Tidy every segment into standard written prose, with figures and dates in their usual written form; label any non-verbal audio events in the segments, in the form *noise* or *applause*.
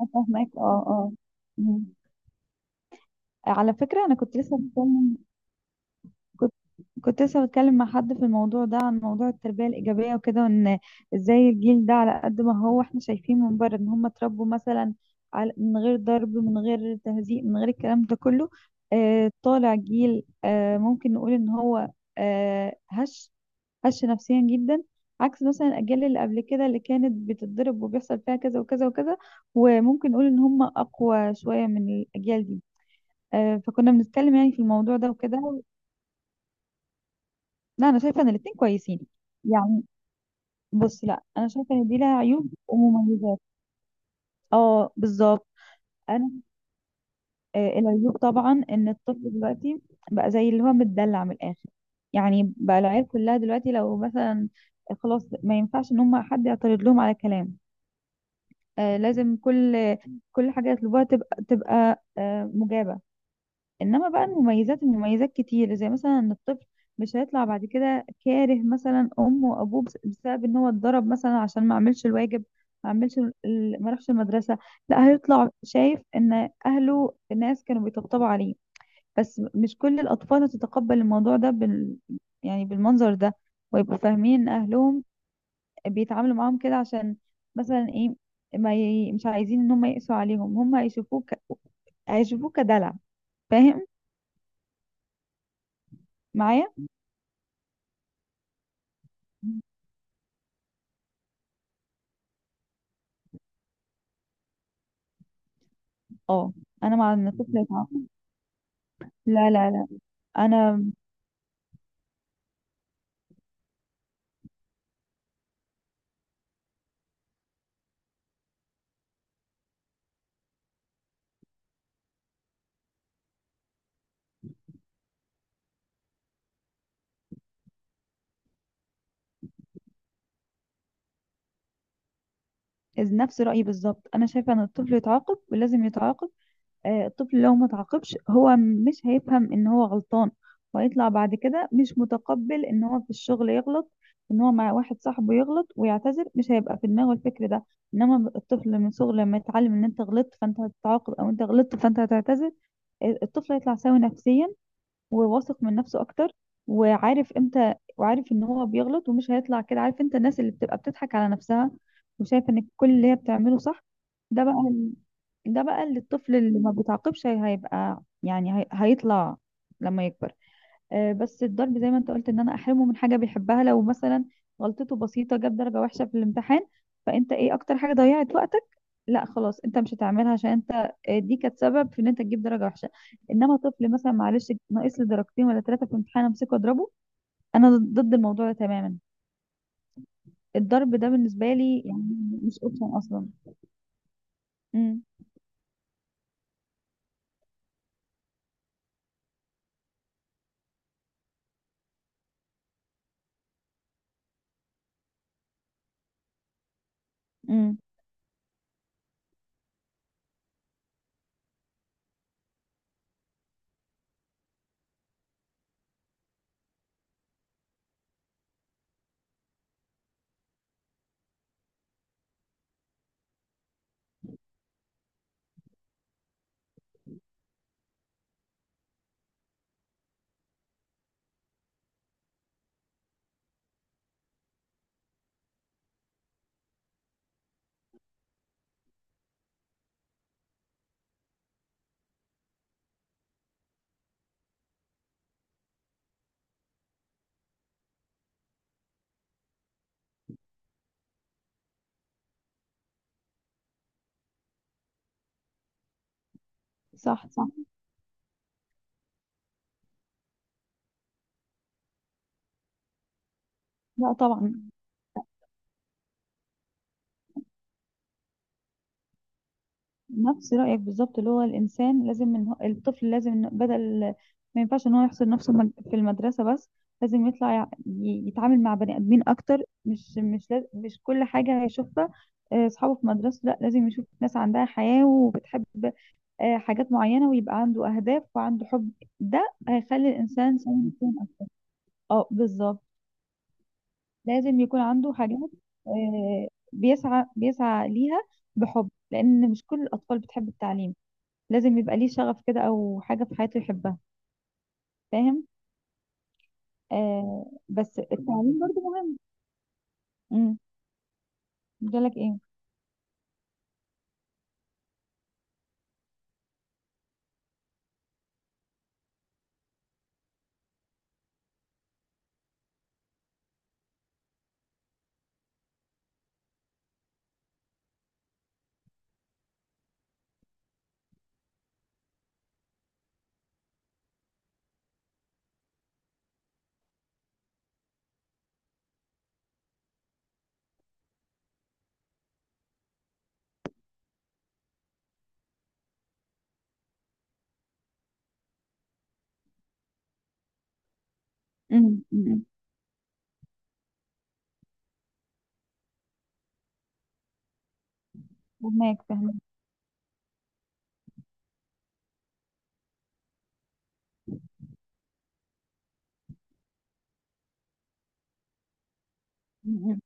أنا فاهماك، اه، اه. مم. على فكرة، أنا كنت كنت لسه بتكلم مع حد في الموضوع ده، عن موضوع التربية الإيجابية وكده، وإن إزاي الجيل ده، على قد ما هو إحنا شايفين من بره إن هم اتربوا مثلا على، من غير ضرب من غير تهزيء من غير الكلام ده كله، طالع جيل ممكن نقول إن هو آه هش هش نفسيا جدا، عكس مثلا الاجيال اللي قبل كده اللي كانت بتتضرب وبيحصل فيها كذا وكذا وكذا. وممكن نقول ان هم اقوى شويه من الاجيال دي. آه، فكنا بنتكلم يعني في الموضوع ده وكده. لا، انا شايفه ان الاتنين كويسين، يعني. بص، لا، انا شايفه ان دي لها عيوب ومميزات. اه، بالظبط. انا آه، العيوب طبعا، ان الطفل دلوقتي بقى زي اللي هو متدلع من الاخر. يعني بقى العيال كلها دلوقتي لو مثلا، خلاص، ما ينفعش ان هم حد يعترض لهم على كلام. آه، لازم كل حاجة يطلبوها تبقى مجابة. إنما بقى المميزات، كتير، زي مثلا إن الطفل مش هيطلع بعد كده كاره مثلا أمه وأبوه بسبب إن هو اتضرب مثلا عشان ما عملش الواجب، ما عملش ما راحش المدرسة. لا، هيطلع شايف إن أهله، الناس، كانوا بيطبطبوا عليه. بس مش كل الأطفال هتتقبل الموضوع ده يعني بالمنظر ده، ويبقوا فاهمين إن أهلهم بيتعاملوا معاهم كده عشان مثلا ايه، ما ي... مش عايزين ان هم يقسوا عليهم، هم هيشوفوك، كدلع. فاهم؟ معايا؟ اه، انا مع ان الطفل يتعاقب. لا، لا، لا. انا نفس رايي بالظبط، انا شايفه ان الطفل يتعاقب ولازم يتعاقب. آه، الطفل لو ما تعاقبش، هو مش هيفهم ان هو غلطان، وهيطلع بعد كده مش متقبل ان هو في الشغل يغلط، ان هو مع واحد صاحبه يغلط ويعتذر. مش هيبقى في دماغه الفكر ده. انما الطفل من صغره لما يتعلم ان انت غلطت فانت هتتعاقب، او انت غلطت فانت هتعتذر، آه، الطفل هيطلع سوي نفسيا، وواثق من نفسه اكتر، وعارف امتى، وعارف ان هو بيغلط، ومش هيطلع كده عارف انت، الناس اللي بتبقى بتضحك على نفسها وشايفه ان كل اللي هي بتعمله صح. ده بقى، اللي الطفل اللي ما بيتعاقبش، هيبقى، يعني، هيطلع لما يكبر. آه، بس الضرب زي ما انت قلت، ان انا احرمه من حاجه بيحبها، لو مثلا غلطته بسيطه، جاب درجه وحشه في الامتحان، فانت ايه اكتر حاجه ضيعت وقتك؟ لا، خلاص، انت مش هتعملها عشان انت، آه، دي كانت سبب في ان انت تجيب درجه وحشه. انما طفل مثلا معلش ناقص لي درجتين ولا ثلاثه في الامتحان، امسكه اضربه؟ انا ضد الموضوع ده تماما. الضرب ده بالنسبه لي، يعني، مش اوبشن اصلا. امم. امم. صح، صح. لا، طبعا. نفس رأيك بالظبط، اللي هو الإنسان لازم إن هو، الطفل لازم إن، بدل ما ينفعش إن هو يحصر نفسه في المدرسة بس، لازم يطلع يتعامل مع بني آدمين أكتر. مش كل حاجة هيشوفها آه، أصحابه في مدرسة، لا، لازم يشوف ناس عندها حياة وبتحب آه، حاجات معينة، ويبقى عنده أهداف وعنده حب. ده هيخلي الإنسان سوي، يكون اه، بالظبط. لازم يكون عنده حاجات آه، بيسعى ليها بحب، لأن مش كل الأطفال بتحب التعليم. لازم يبقى ليه شغف كده، او حاجه في حياته يحبها. فاهم؟ آه، بس التعليم برضو. امم. لك ايه؟ امم. أمم. فهماك، فهماك. أمم.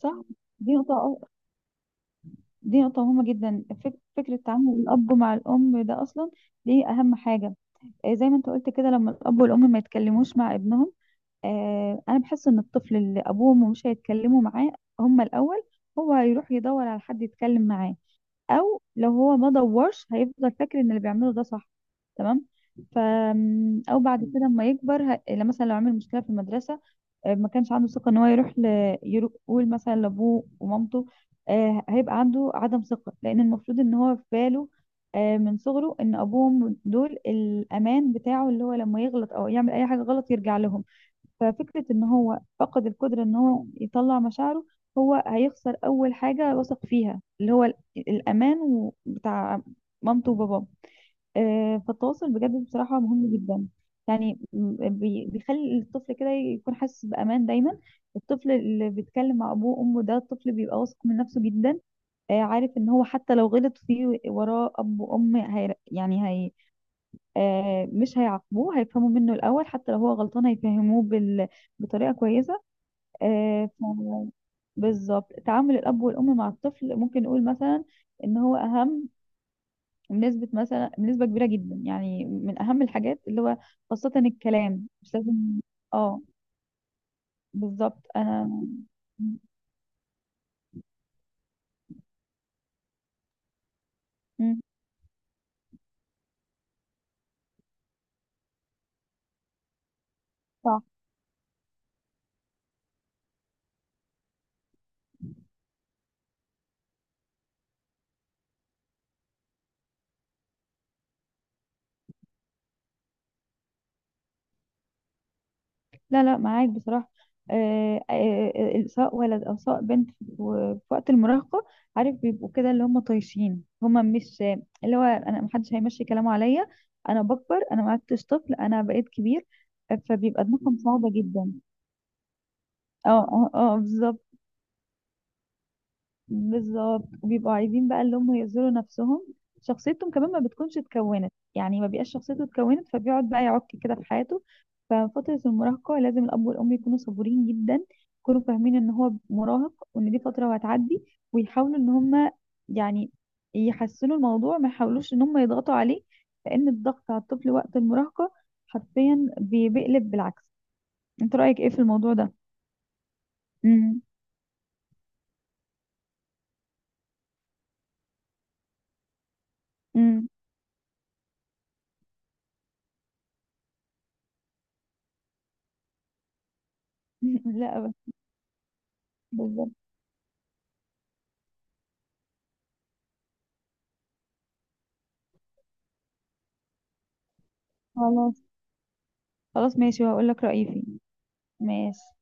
صح. دي نقطه، مهمه جدا. فكره تعامل الاب مع الام ده اصلا دي اهم حاجه. آه، زي ما انت قلت كده، لما الاب والام ما يتكلموش مع ابنهم، آه، انا بحس ان الطفل اللي ابوه وامه مش هيتكلموا معاه، هما الاول، هو هيروح يدور على حد يتكلم معاه، او لو هو ما دورش هيفضل فاكر ان اللي بيعمله ده صح. تمام. ف او بعد كده لما يكبر، لما مثلا لو عمل مشكله في المدرسه، آه، ما كانش عنده ثقه ان هو يروح يقول مثلا لابوه ومامته، آه، هيبقى عنده عدم ثقه، لان المفروض ان هو في باله آه، من صغره، ان ابوه وامه دول الامان بتاعه، اللي هو لما يغلط او يعمل اي حاجه غلط يرجع لهم. ففكرة ان هو فقد القدرة ان هو يطلع مشاعره، هو هيخسر اول حاجة وثق فيها، اللي هو الامان بتاع مامته وباباه. آه، فالتواصل بجد بصراحة مهم جدا. يعني بيخلي الطفل كده يكون حاسس بأمان دايما. الطفل اللي بيتكلم مع أبوه وأمه ده الطفل بيبقى واثق من نفسه جدا، آه، عارف إن هو حتى لو غلط فيه وراه أب وأم، هي يعني هي، آه، مش هيعاقبوه، هيفهموا منه الأول، حتى لو هو غلطان هيفهموه بطريقة كويسة. آه، بالظبط تعامل الأب والأم مع الطفل، ممكن نقول مثلا إن هو أهم بنسبة مثلا، بنسبة كبيرة جدا، يعني من أهم الحاجات اللي هو، خاصة الكلام. مش لازم. اه، بالظبط. أنا م- م- صح. لا، لا، معاك بصراحة. آه، آه، آه، آه، سواء ولد أو سواء بنت، في وقت المراهقة، عارف بيبقوا كده، اللي هم طايشين، هم مش، اللي هو أنا محدش هيمشي كلامه عليا، أنا بكبر، أنا ما عدتش طفل أنا بقيت كبير. آه، فبيبقى دماغهم صعبة جدا. اه، اه، اه، بالظبط. بالظبط. وبيبقوا عايزين بقى اللي هم يظهروا نفسهم، شخصيتهم كمان ما بتكونش اتكونت، يعني ما بيبقاش شخصيته اتكونت، فبيقعد بقى يعك كده في حياته. ففترة المراهقة لازم الأب والأم يكونوا صبورين جدا، يكونوا فاهمين إن هو مراهق، وإن دي فترة وهتعدي، ويحاولوا إن هم، يعني، يحسنوا الموضوع، ما يحاولوش إن هم يضغطوا عليه، لأن الضغط على الطفل وقت المراهقة حرفيا بيقلب بالعكس. أنت رأيك إيه في الموضوع ده؟ امم. امم. *laughs* لا، بالظبط. خلاص. خلاص، ماشي، وهقول لك رأيي فيه. ماشي.